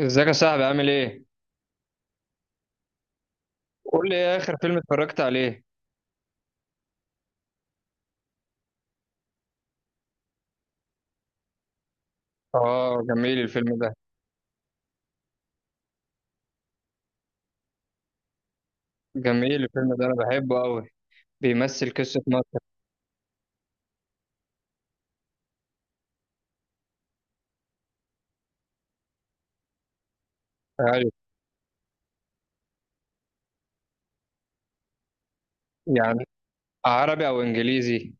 ازيك يا صاحبي، عامل ايه؟ قول لي، ايه اخر فيلم اتفرجت عليه؟ اه، جميل الفيلم ده. جميل الفيلم ده، انا بحبه قوي. بيمثل قصة مصر. عارف. يعني، عربي او انجليزي؟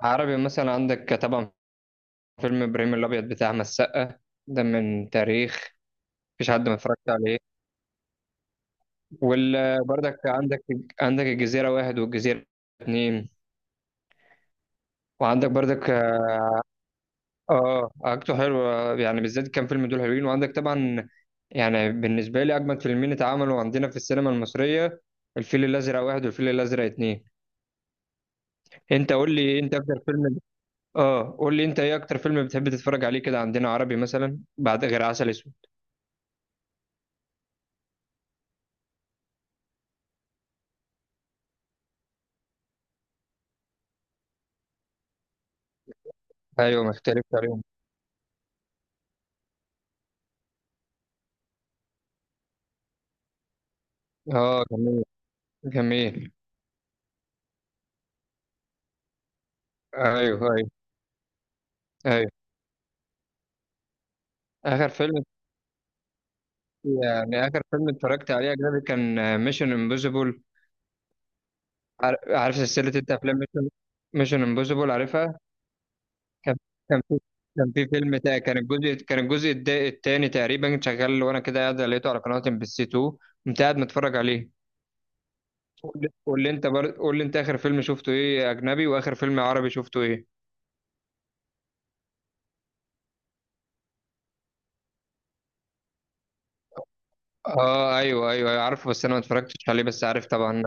عربي مثلا، عندك طبعا فيلم ابراهيم الابيض بتاع احمد السقا، ده من تاريخ. مفيش حد ما اتفرجش عليه. وبرضك عندك الجزيرة واحد والجزيرة اتنين. وعندك برضك، حاجته حلوة يعني، بالذات كام فيلم دول حلوين. وعندك طبعا، يعني بالنسبة لي أجمد فيلمين اتعملوا عندنا في السينما المصرية، الفيل الأزرق واحد والفيل الأزرق اتنين. أنت قول لي أنت أكتر فيلم اه قول لي أنت، إيه أكتر فيلم بتحب تتفرج عليه كده عندنا، عربي مثلا، بعد غير عسل أسود؟ أيوه، ما اختلفت عليهم. اه، جميل. جميل. أيوه، أيوه. أيوه. آخر فيلم يعني آخر فيلم اتفرجت عليه أجنبي كان ميشن امبوسيبل. عارف، عارف سلسلة أنت أفلام. ميشن امبوسيبل، عارفها. كان كان في كان في فيلم تا- كان الجزء التاني تقريبا شغال، وانا كده قاعد لقيته على قناة MBC 2. قمت قاعد متفرج عليه. قول لي انت، اخر فيلم شفته ايه اجنبي، واخر فيلم عربي شفته ايه؟ اه، ايوه، ايوه، أيوة، عارفه، بس انا ما اتفرجتش عليه، بس عارف طبعا.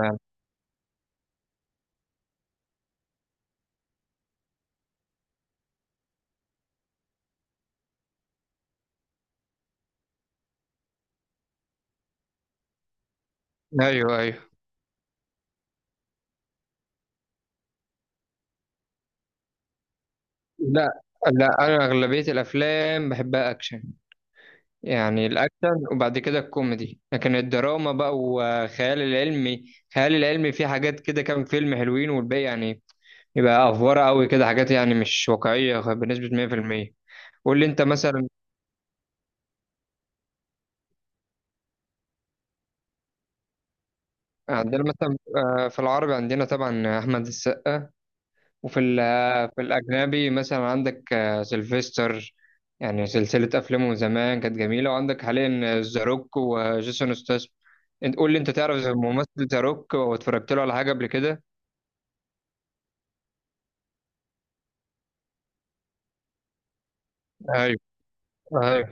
ايوه، ايوه. لا، لا، انا اغلبيه الافلام بحبها اكشن. يعني الاكشن، وبعد كده الكوميدي، لكن الدراما بقى، والخيال العلمي، الخيال العلمي فيه حاجات كده، كام فيلم حلوين، والباقي يعني يبقى افواره قوي كده، حاجات يعني مش واقعيه بنسبه 100%. قول لي انت مثلا. عندنا مثلا، في العربي عندنا طبعا احمد السقا، وفي ال- آه، في الاجنبي مثلا عندك، سيلفستر، يعني سلسله افلامه من زمان كانت جميله. وعندك حاليا ذا روك وجيسون ستاثام. انت قول لي، انت تعرف زي الممثل ذا روك واتفرجت له على حاجه قبل كده؟ ايوه، ايوه.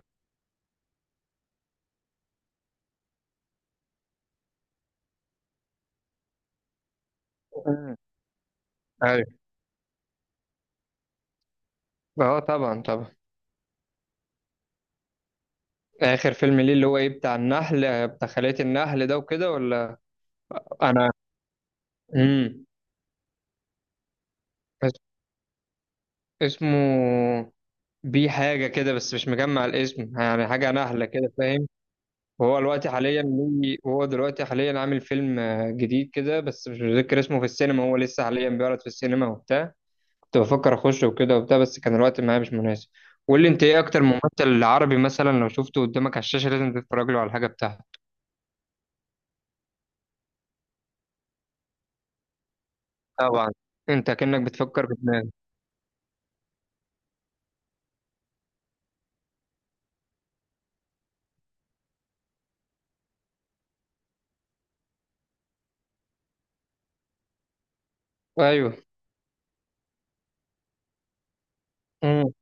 مم. ايوه. اه، طبعا، طبعا. اخر فيلم ليه اللي هو ايه، بتاع خلية النحل ده وكده، ولا؟ انا امم اس- اسمه بي حاجة كده، بس مش مجمع الاسم، يعني حاجة نهلة كده، فاهم؟ وهو دلوقتي حاليا عامل فيلم جديد كده، بس مش متذكر اسمه. في السينما، هو لسه حاليا بيعرض في السينما وبتاع. كنت بفكر اخشه وكده وبتاع، بس كان الوقت معايا مش مناسب. قول لي انت، ايه اكتر ممثل عربي مثلا لو شفته قدامك على الشاشة لازم تتفرج له على الحاجة بتاعته؟ طبعا. انت كأنك بتفكر بدماغك. ايوه. مم.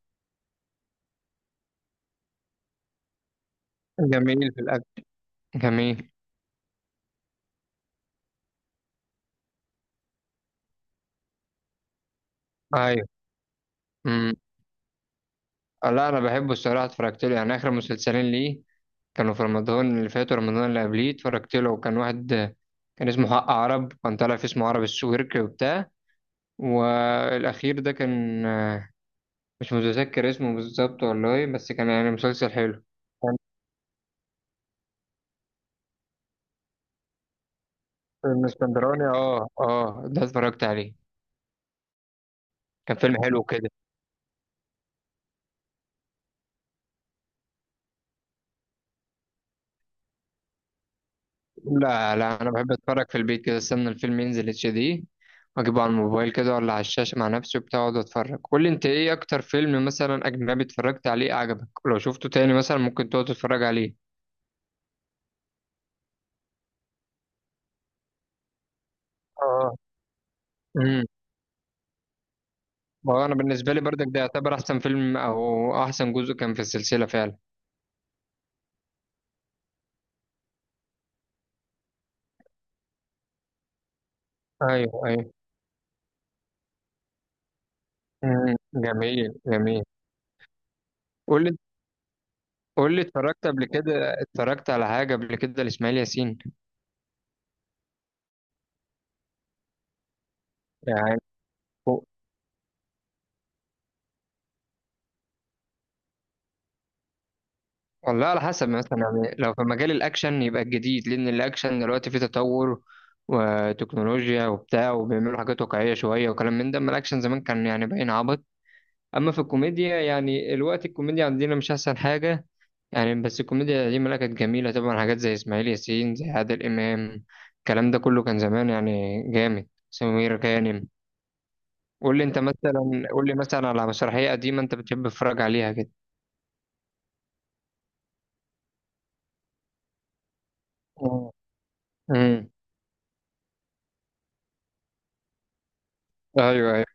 جميل في الاكل. جميل. ايوه. مم. لا، انا بحبه الصراحه، اتفرجت له يعني اخر مسلسلين ليه، كانوا في رمضان اللي فات ورمضان اللي قبليه. اتفرجت له وكان واحد، كان اسمه حق عرب، كان طالع في اسمه عرب السويرك وبتاع. والاخير ده كان، مش متذكر اسمه بالظبط والله، بس كان يعني مسلسل حلو. كان فيلم اسكندراني، اه، اه، ده اتفرجت عليه. كان فيلم حلو كده. لا، لا، انا بحب اتفرج في البيت كده، استنى الفيلم ينزل HD، واجيبه على الموبايل كده ولا على الشاشه مع نفسي وبتاع، واقعد اتفرج. قول لي انت، ايه اكتر فيلم مثلا اجنبي اتفرجت عليه عجبك لو شفته تاني مثلا ممكن تقعد تتفرج عليه؟ اه. امم. هو انا بالنسبه لي برضك ده يعتبر احسن فيلم، او احسن جزء كان في السلسله فعلا. ايوه، ايوه. امم. جميل، جميل. قول لي، اتفرجت على حاجه قبل كده لاسماعيل ياسين؟ يعني والله على حسب، مثلا يعني لو في مجال الأكشن يبقى الجديد، لأن الأكشن دلوقتي فيه تطور وتكنولوجيا وبتاع، وبيعملوا حاجات واقعية شوية وكلام من ده. أما الأكشن زمان كان يعني باين عبط. أما في الكوميديا يعني الوقت، الكوميديا عندنا مش أحسن حاجة يعني، بس الكوميديا القديمة لا، كانت جميلة طبعا، حاجات زي إسماعيل ياسين، زي عادل إمام. الكلام ده كله كان زمان يعني جامد، سمير غانم. قول لي مثلا على مسرحية قديمة أنت بتحب تتفرج عليها كده؟ مم. مم. أيوه.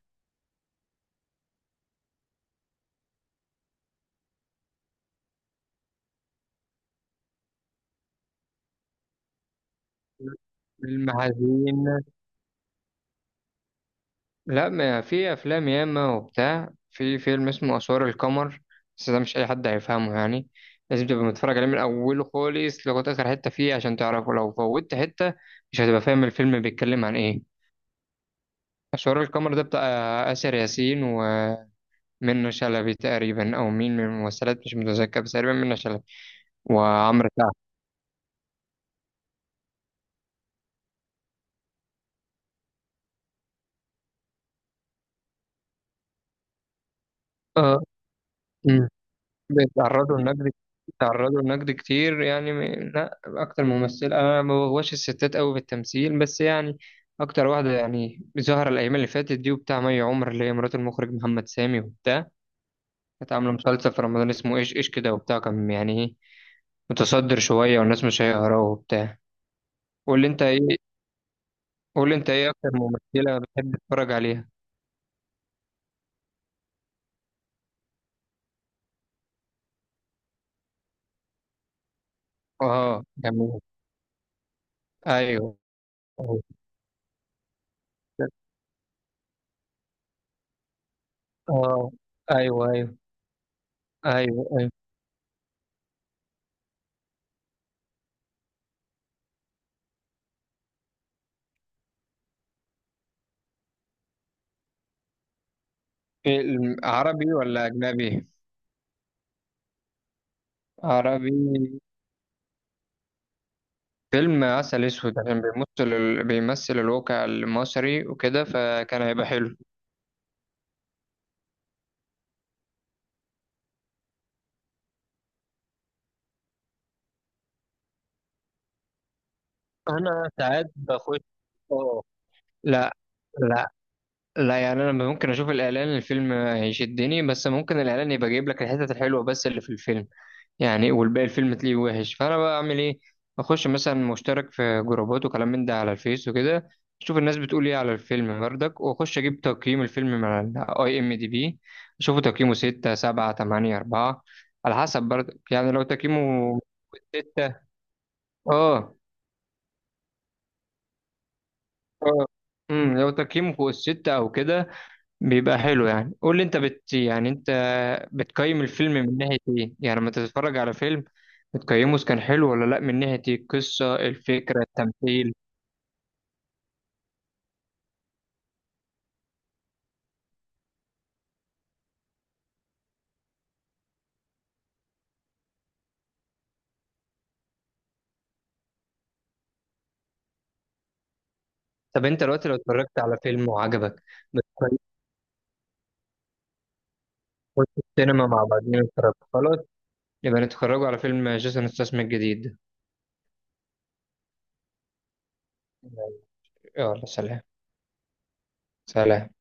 فيلم حزين؟ لا، ما في، افلام ياما وبتاع. في فيلم اسمه اسوار القمر، بس ده مش اي حد هيفهمه يعني. لازم تبقى متفرج عليه من اوله خالص لغايه اخر حته فيه عشان تعرفه، لو فوتت حته مش هتبقى فاهم الفيلم بيتكلم عن ايه. اسوار القمر ده بتاع آسر ياسين ومنة شلبي تقريبا، او مين من الممثلات مش متذكر، بس تقريبا منة شلبي وعمرو سعد. اه. بيتعرضوا لنقد بيتعرضوا لنقد كتير، يعني لا، اكتر ممثله، انا ما بغواش الستات قوي في التمثيل، بس يعني اكتر واحده يعني ظاهره الايام اللي فاتت دي وبتاع، مي عمر، اللي هي مرات المخرج محمد سامي وبتاع. كانت عامله مسلسل في رمضان اسمه ايش ايش كده وبتاع، كان يعني ايه، متصدر شويه، والناس مش هيقراه وبتاع. قول لي انت ايه قول لي انت، ايه اكتر ممثله بتحب تتفرج عليها؟ اه، جميل. ايوه. اه. ايوه، ايوه، ايوه، ايوه. فيلم عربي ولا اجنبي؟ عربي. فيلم عسل اسود، عشان بيمثل الواقع المصري وكده، فكان هيبقى حلو. انا ساعات بخش. اه. لا، لا، لا، يعني انا ممكن اشوف الاعلان الفيلم هيشدني، بس ممكن الاعلان يبقى جايب لك الحتت الحلوه بس اللي في الفيلم، يعني والباقي الفيلم تلاقيه وحش، فانا بقى اعمل ايه؟ اخش مثلا، مشترك في جروبات وكلام من ده على الفيس وكده، اشوف الناس بتقول ايه على الفيلم بردك، واخش اجيب تقييم الفيلم من IMDb، اشوفه تقييمه 6 7 8 4، على حسب بردك، يعني لو تقييمه 6، اه، اه، امم، لو تقييمه فوق الستة او كده بيبقى حلو يعني. قول لي انت، بت يعني انت بتقيم الفيلم من ناحية ايه؟ يعني لما تتفرج على فيلم بتقيمه اذا كان حلو ولا لا من ناحية ايه؟ القصة، الفكرة، التمثيل؟ طب انت دلوقتي لو اتفرجت على فيلم وعجبك بتقيم. خش السينما مع بعضين نتفرج، خلاص، يبقى نتفرجوا على فيلم جيسون ستاثام الجديد. يلا، سلام. سلام.